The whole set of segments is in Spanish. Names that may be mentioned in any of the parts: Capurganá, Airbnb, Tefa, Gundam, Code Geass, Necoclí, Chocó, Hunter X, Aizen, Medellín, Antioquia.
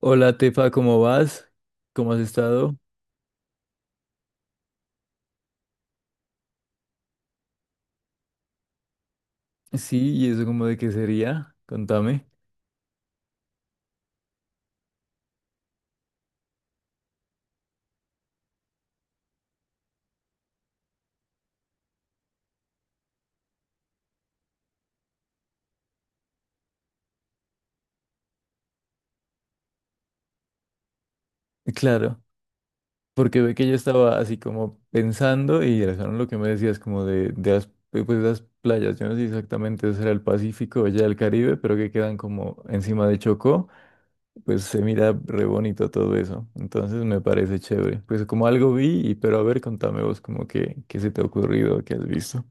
Hola Tefa, ¿cómo vas? ¿Cómo has estado? Sí, ¿y eso como de qué sería? Contame. Claro, porque ve que yo estaba así como pensando y razón lo que me decías como de las, pues, las playas, yo no sé exactamente si era el Pacífico o ya el Caribe, pero que quedan como encima de Chocó, pues se mira re bonito todo eso, entonces me parece chévere. Pues como algo vi, y, pero a ver, contame vos como que, qué se te ha ocurrido, qué has visto.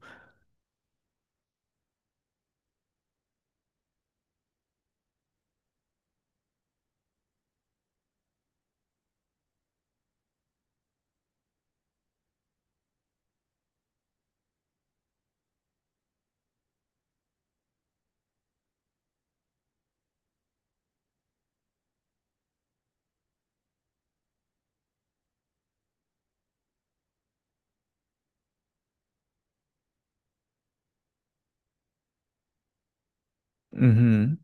Ujú.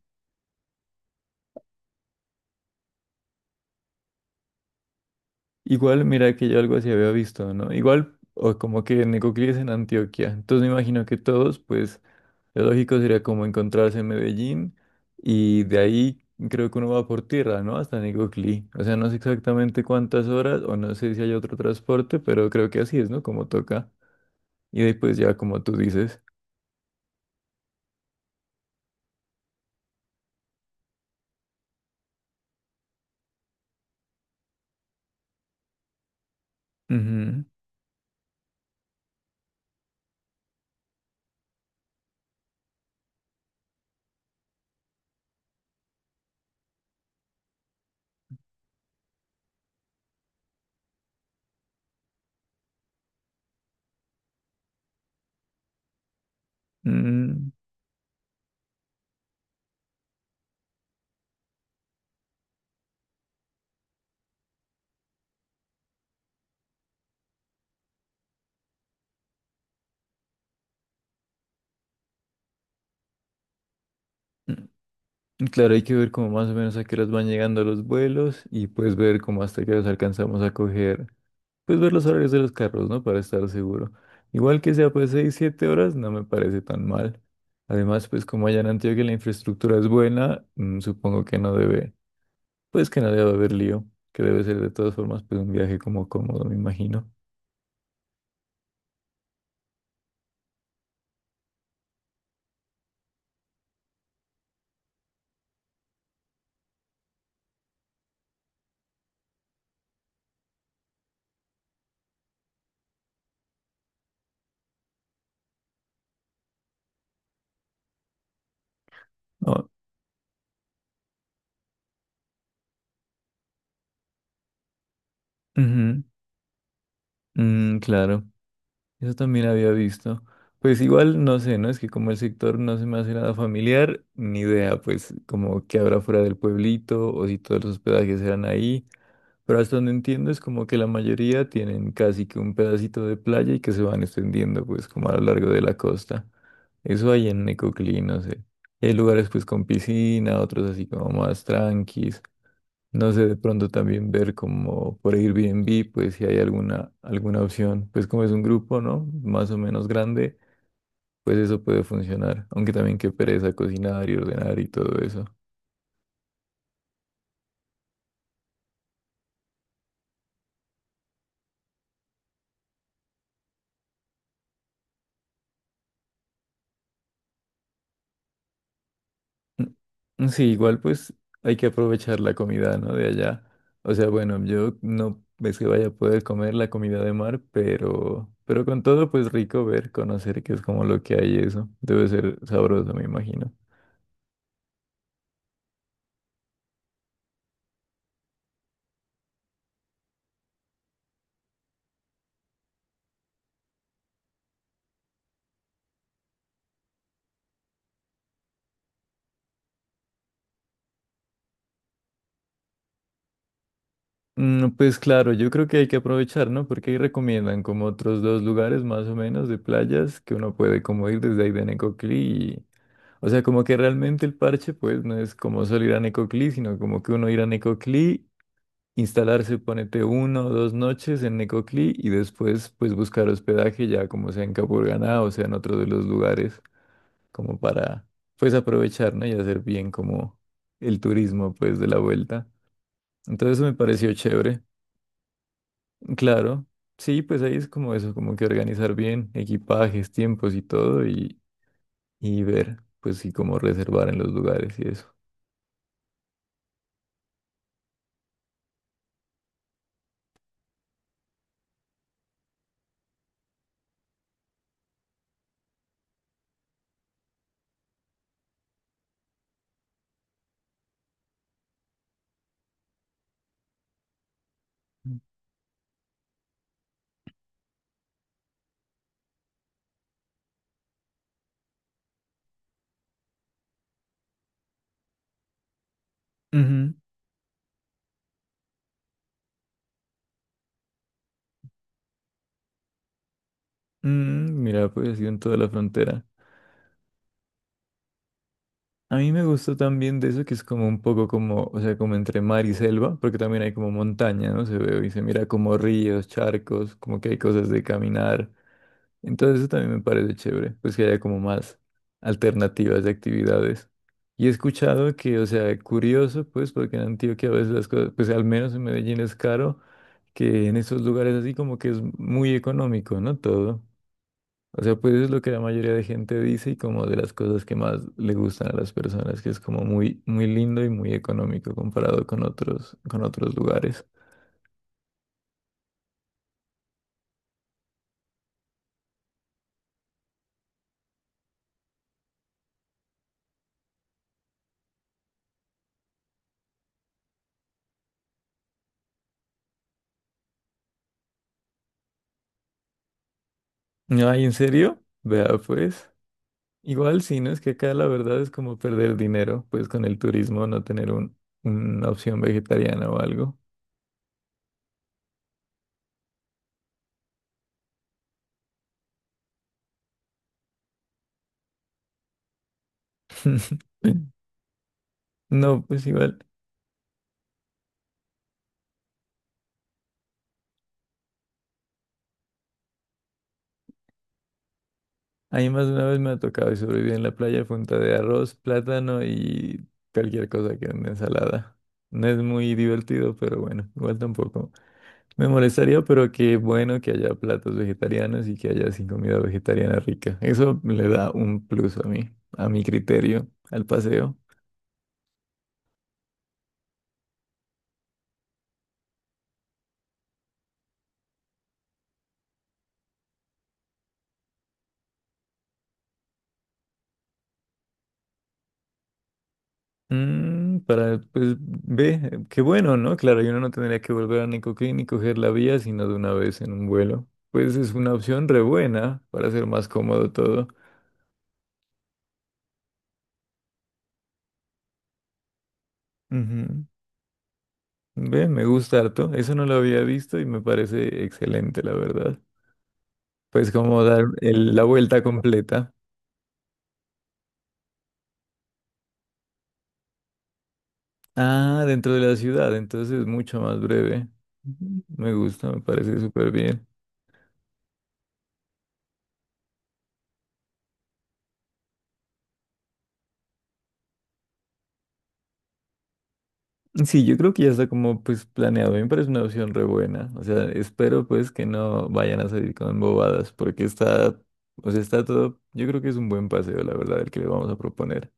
Igual, mira que yo algo así había visto, ¿no? Igual, o como que Necoclí es en Antioquia. Entonces me imagino que todos, pues, lo lógico sería como encontrarse en Medellín y de ahí creo que uno va por tierra, ¿no? Hasta Necoclí. O sea, no sé exactamente cuántas horas o no sé si hay otro transporte, pero creo que así es, ¿no? Como toca. Y después ya como tú dices. Ujú. Mm, mm. Claro, hay que ver como más o menos a qué horas van llegando los vuelos y pues ver cómo hasta qué horas alcanzamos a coger, pues ver los horarios de los carros, ¿no? Para estar seguro. Igual que sea pues 6 7 horas, no me parece tan mal. Además, pues como allá en Antioquia la infraestructura es buena, supongo que no debe, pues que no debe haber lío, que debe ser de todas formas pues un viaje como cómodo, me imagino. Ah, ujú, mm, claro, eso también había visto. Pues igual, no sé, ¿no? Es que como el sector no se me hace nada familiar, ni idea, pues como qué habrá fuera del pueblito o si todos los hospedajes eran ahí. Pero hasta donde entiendo es como que la mayoría tienen casi que un pedacito de playa y que se van extendiendo pues como a lo largo de la costa. Eso hay en Necoclí, no sé. Y hay lugares pues con piscina, otros así como más tranquis. No sé, de pronto también ver como por Airbnb, pues si hay alguna opción. Pues como es un grupo, ¿no? Más o menos grande, pues eso puede funcionar. Aunque también qué pereza cocinar y ordenar y todo eso. Mm, sí, igual pues hay que aprovechar la comida, ¿no? De allá. O sea, bueno, yo no es que vaya a poder comer la comida de mar, pero con todo pues rico ver, conocer qué es como lo que hay eso. Debe ser sabroso, me imagino. Mm, pues claro, yo creo que hay que aprovechar, ¿no? Porque ahí recomiendan como otros dos lugares más o menos de playas que uno puede como ir desde ahí de Necoclí y... O sea, como que realmente el parche pues no es como solo ir a Necoclí, sino como que uno ir a Necoclí instalarse, ponete uno o dos noches en Necoclí y después pues buscar hospedaje ya como sea en Capurganá o sea en otro de los lugares como para pues aprovechar, ¿no? Y hacer bien como el turismo pues de la vuelta. Entonces eso me pareció chévere. Claro, sí, pues ahí es como eso, como que organizar bien equipajes, tiempos y todo y ver pues sí cómo reservar en los lugares y eso. Ujú. Mira, pues yo en toda la frontera. A mí me gustó también de eso que es como un poco como, o sea, como entre mar y selva, porque también hay como montaña, ¿no? Se ve y se mira como ríos, charcos, como que hay cosas de caminar. Entonces eso también me parece chévere, pues que haya como más alternativas de actividades. Y he escuchado que, o sea, curioso, pues, porque en Antioquia a veces las cosas, pues al menos en Medellín es caro, que en esos lugares así como que es muy económico, ¿no? Todo. O sea, pues es lo que la mayoría de gente dice y como de las cosas que más le gustan a las personas, que es como muy, muy lindo y muy económico comparado con otros, lugares. Ay, ¿en serio? Vea, pues. Igual sí, ¿no? Es que acá la verdad es como perder dinero, pues con el turismo, no tener una opción vegetariana o algo. No, pues igual. A mí más de una vez me ha tocado y sobreviví en la playa a punta de arroz, plátano y cualquier cosa que una ensalada. No es muy divertido, pero bueno, igual tampoco. Me molestaría, pero qué bueno que haya platos vegetarianos y que haya así comida vegetariana rica. Eso le da un plus a mí, a mi criterio, al paseo. Para, pues, ve, qué bueno, ¿no? Claro, y uno no tendría que volver a Necoclí ni coger la vía, sino de una vez en un vuelo. Pues es una opción re buena para hacer más cómodo todo. Ujú. Bien, me gusta harto. Eso no lo había visto y me parece excelente, la verdad. Pues como dar la vuelta completa. Ah, dentro de la ciudad, entonces es mucho más breve. Ujú. Me gusta, me parece súper bien. Sí, yo creo que ya está como pues planeado. A mí me parece una opción re buena. O sea, espero pues que no vayan a salir con bobadas porque está, o sea, está todo, yo creo que es un buen paseo, la verdad, el que le vamos a proponer.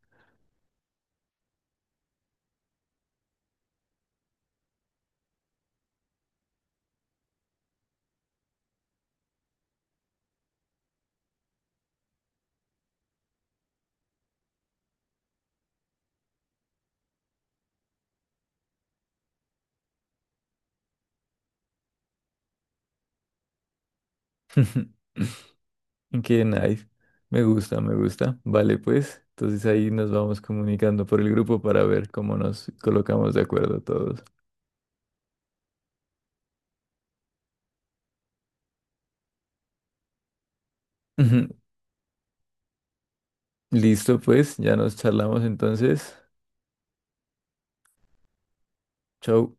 Qué nice. Me gusta, me gusta. Vale, pues. Entonces ahí nos vamos comunicando por el grupo para ver cómo nos colocamos de acuerdo todos. Ujú. Listo, pues. Ya nos charlamos entonces. Chau.